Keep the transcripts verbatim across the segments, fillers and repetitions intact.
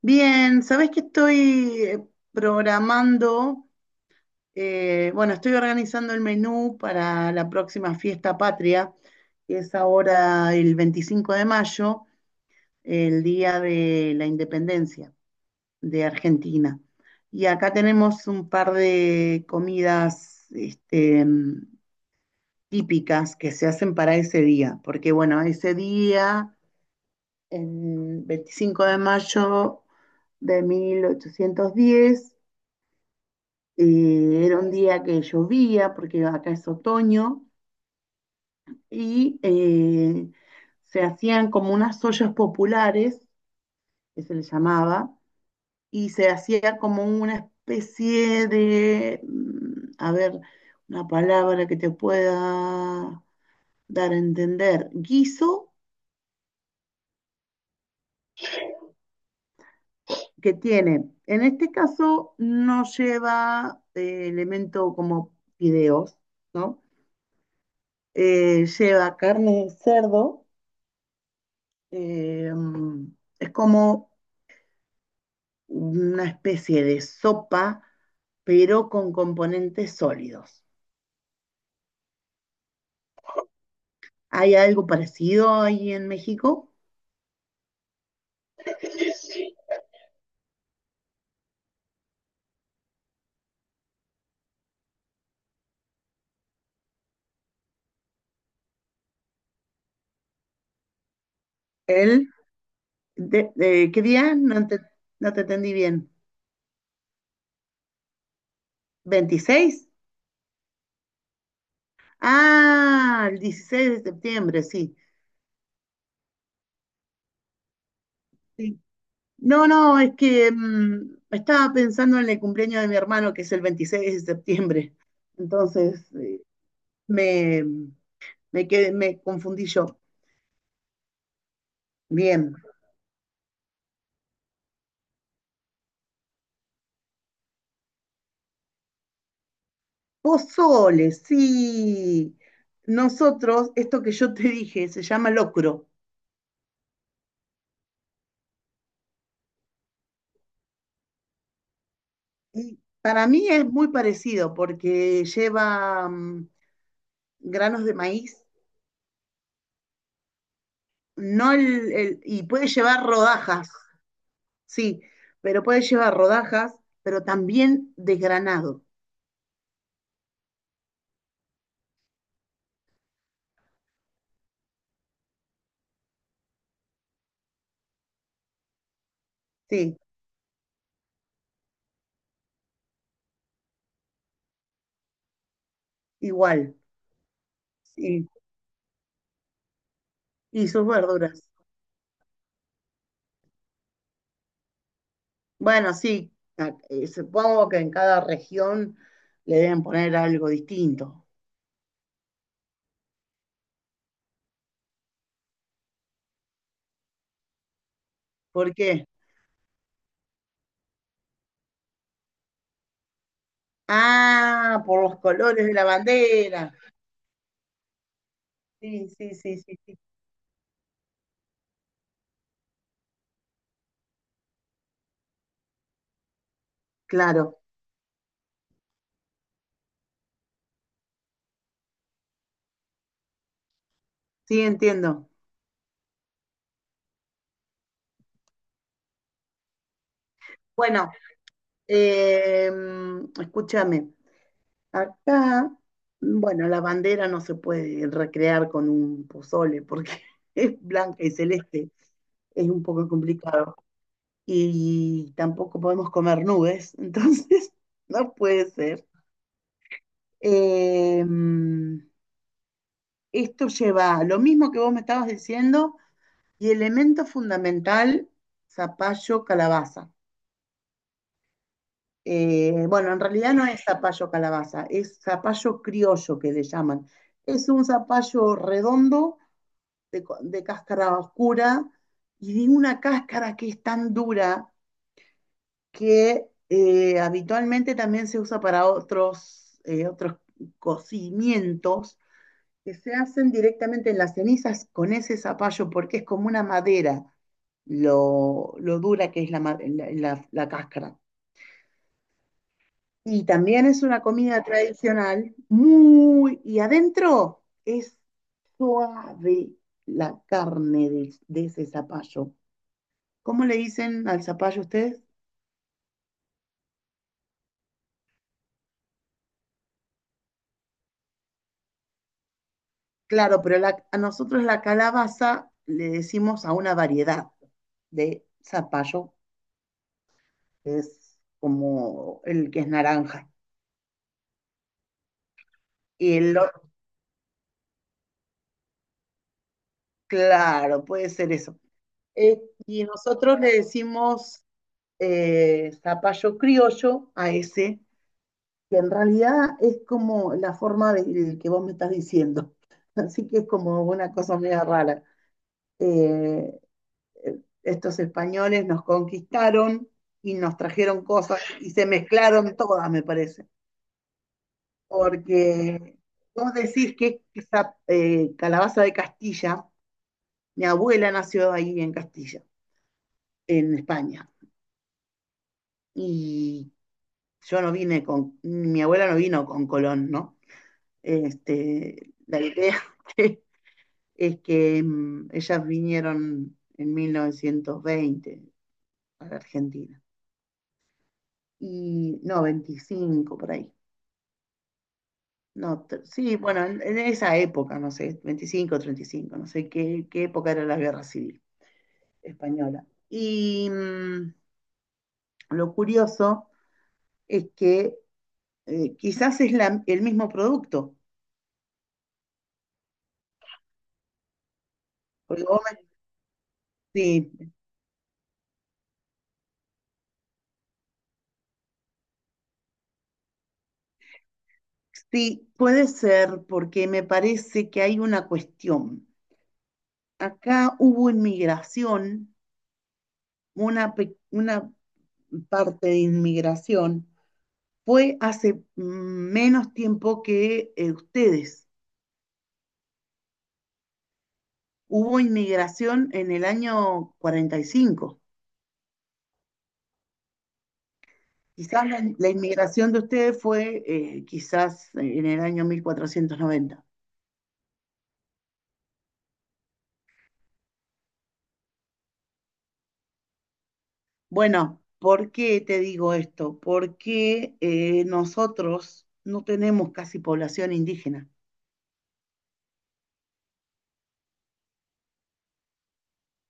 Bien, sabés que estoy eh, programando, eh, bueno, estoy organizando el menú para la próxima fiesta patria, que es ahora el veinticinco de mayo, el día de la independencia de Argentina. Y acá tenemos un par de comidas, este, mm, típicas que se hacen para ese día, porque bueno, ese día, el veinticinco de mayo de mil ochocientos diez. Eh, era un día que llovía, porque acá es otoño, y eh, se hacían como unas ollas populares, que se les llamaba, y se hacía como una especie de, mm, a ver, una palabra que te pueda dar a entender, guiso que tiene, en este caso no lleva eh, elemento como fideos, ¿no? Eh, lleva carne de cerdo. Eh, mm, es como una especie de sopa, pero con componentes sólidos. ¿Hay algo parecido ahí en México? ¿El? De, de- ¿qué día? No te, no te entendí bien. ¿Veintiséis? Ah, el dieciséis de septiembre, sí. Sí. No, no, es que mm, estaba pensando en el cumpleaños de mi hermano, que es el veintiséis de septiembre. Entonces, eh, me, me, quedé- me confundí yo. Bien. Pozole, sí. Nosotros, esto que yo te dije, se llama locro. Y para mí es muy parecido porque lleva mm, granos de maíz, no el, el- y puede llevar rodajas, sí, pero puede llevar rodajas, pero también desgranado, sí, igual, sí, y sus verduras. Bueno, sí, a- eh, supongo que en cada región le deben poner algo distinto. ¿Por qué? Ah, por los colores de la bandera. Sí, sí, sí, sí, sí. Claro, sí, entiendo. Bueno, eh, escúchame, acá, bueno, la bandera no se puede recrear con un pozole porque es blanca y celeste, es un poco complicado. Y tampoco podemos comer nubes, entonces no puede ser. Eh, Esto lleva lo mismo que vos me estabas diciendo. Y elemento fundamental, zapallo calabaza. Eh, bueno, en realidad no es zapallo calabaza, es zapallo criollo que le llaman. Es un zapallo redondo de, co- de cáscara oscura y de una cáscara que es tan dura que eh, habitualmente también se usa para otros, eh, otros cocimientos que se hacen directamente en las cenizas con ese zapallo, porque es como una madera, lo, lo dura que es la, ma- la- la- la cáscara. Y también es una comida tradicional, muy, y adentro es suave la carne de, de ese zapallo. ¿Cómo le dicen al zapallo ustedes? Claro, pero la- a nosotros la calabaza le decimos a una variedad de zapallo, que es como el que es naranja. Y el, Claro, puede ser eso. Eh, y nosotros le decimos eh, zapallo criollo a ese, que en realidad es como la forma de de que vos me estás diciendo. Así que es como una cosa media rara. Eh, eh, Estos españoles nos conquistaron y nos trajeron cosas y se mezclaron todas, me parece. Porque vos decís que esa eh, calabaza de Castilla, mi abuela nació ahí en Castilla, en España. Y yo no vine con, mi abuela no vino con Colón, ¿no? Este, la idea es que mm, ellas vinieron en mil novecientos veinte a la Argentina. Y no, veinticinco por ahí. No, tr- sí, bueno, en, en esa época, no sé, veinticinco, treinta y cinco, no sé qué, qué época era la guerra civil española. Y mm, lo curioso es que eh, quizás es la- el mismo producto, porque vos me- sí. Sí, puede ser porque me parece que hay una cuestión. Acá hubo inmigración, una, pe- una parte de inmigración fue hace mm, menos tiempo que eh, ustedes. Hubo inmigración en el año cuarenta y cinco. Quizás la, la inmigración de ustedes fue eh, quizás en el año mil cuatrocientos noventa. Bueno, ¿por qué te digo esto? Porque eh, nosotros no tenemos casi población indígena.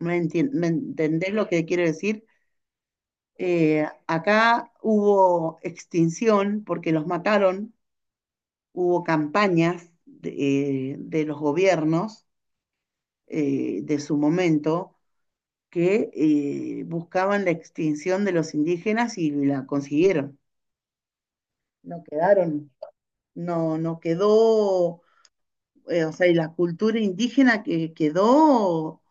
¿Me entien- me entendés lo que quiero decir? Eh, acá hubo extinción porque los mataron, hubo campañas de, eh, de los gobiernos eh, de su momento que eh, buscaban la extinción de los indígenas y la consiguieron. No quedaron, no, no quedó, eh, o sea, y la cultura indígena que quedó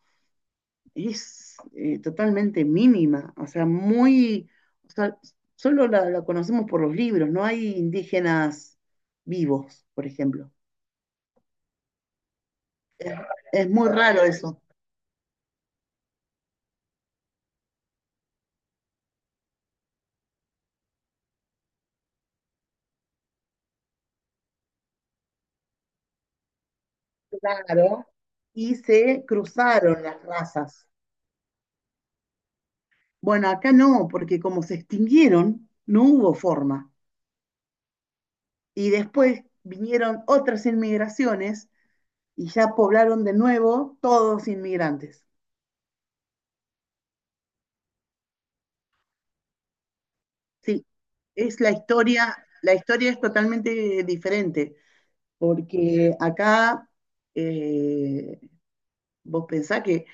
es eh, totalmente mínima, o sea, muy, o sea, solo la, la conocemos por los libros, no hay indígenas vivos, por ejemplo. Es muy raro eso, claro, y se cruzaron las razas. Bueno, acá no, porque como se extinguieron, no hubo forma. Y después vinieron otras inmigraciones y ya poblaron de nuevo todos inmigrantes. Sí, es la historia, la historia es totalmente diferente, porque acá eh, vos pensás que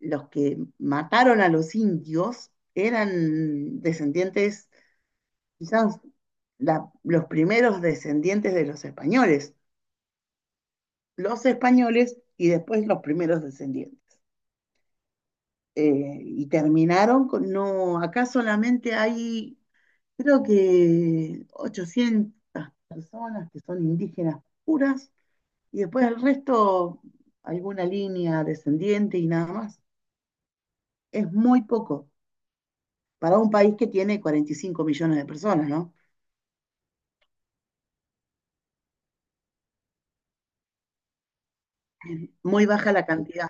los que mataron a los indios eran descendientes, quizás la- los primeros descendientes de los españoles, los españoles y después los primeros descendientes. Eh, y terminaron con, no, acá solamente hay, creo que, ochocientas personas que son indígenas puras y después el resto, alguna línea descendiente y nada más. Es muy poco para un país que tiene cuarenta y cinco millones de personas, ¿no? Muy baja la cantidad,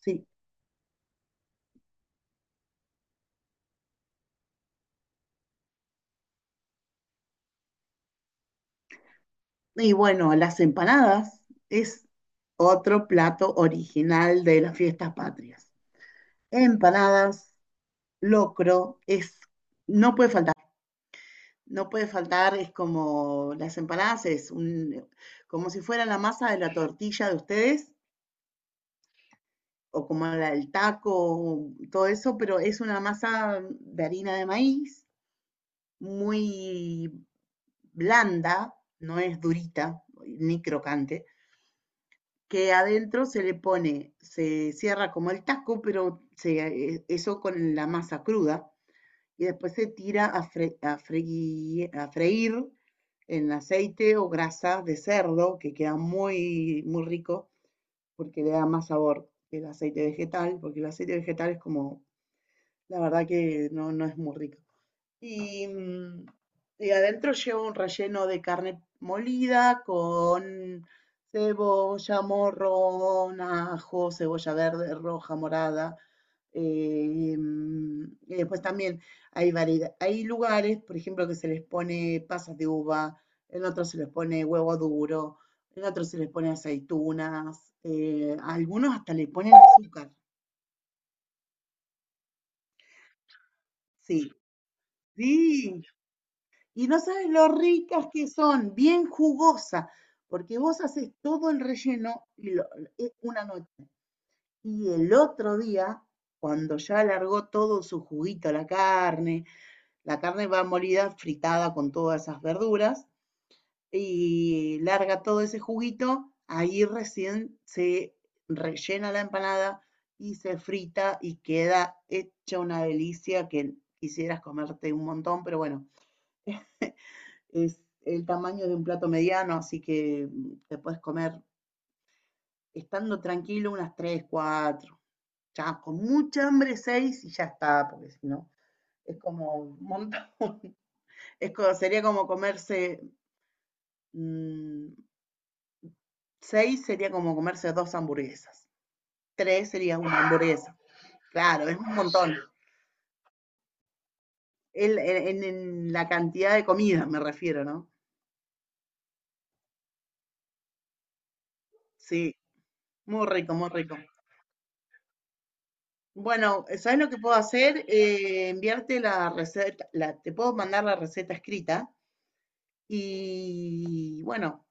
sí. Y bueno, las empanadas es otro plato original de las fiestas patrias. Empanadas, locro, es, no puede faltar. No puede faltar, es como las empanadas, es un, como si fuera la masa de la tortilla de ustedes, o como la del taco, todo eso, pero es una masa de harina de maíz, muy blanda, no es durita ni crocante, que adentro se le pone, se cierra como el taco, pero se, eh, eso con la masa cruda, y después se tira a, fre- a fregui- a freír en aceite o grasa de cerdo, que queda muy, muy rico porque le da más sabor que el aceite vegetal, porque el aceite vegetal es como, la verdad que no, no es muy rico. Y, mm, y adentro lleva un relleno de carne molida con cebolla, morrón, ajo, cebolla verde, roja, morada. Eh, mm, y después también hay variedad, hay lugares, por ejemplo, que se les pone pasas de uva, en otros se les pone huevo duro, en otros se les pone aceitunas, eh, a algunos hasta le ponen azúcar. Sí, sí. Y no sabes lo ricas que son, bien jugosas, porque vos haces todo el relleno y lo- eh, una noche. Y el otro día, cuando ya largó todo su juguito, la carne, la carne va molida, fritada con todas esas verduras, y larga todo ese juguito, ahí recién se rellena la empanada y se frita y queda hecha una delicia que quisieras comerte un montón, pero bueno, es el tamaño de un plato mediano, así que mm, te puedes comer estando tranquilo unas tres cuatro ya con mucha hambre seis y ya está, porque si no, es como un montón. Es como- sería como comerse mmm, seis sería como comerse dos hamburguesas, tres sería una hamburguesa, claro, es un montón. El- en, en- en la cantidad de comida me refiero, ¿no? Sí, muy rico, muy rico. Bueno, ¿sabes lo que puedo hacer? Eh, enviarte la receta, la, te puedo mandar la receta escrita y bueno,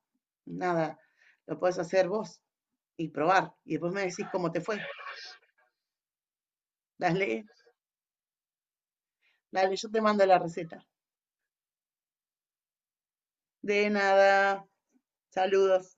nada, lo puedes hacer vos y probar y después me decís cómo te fue. Dale, dale, yo te mando la receta. De nada, saludos.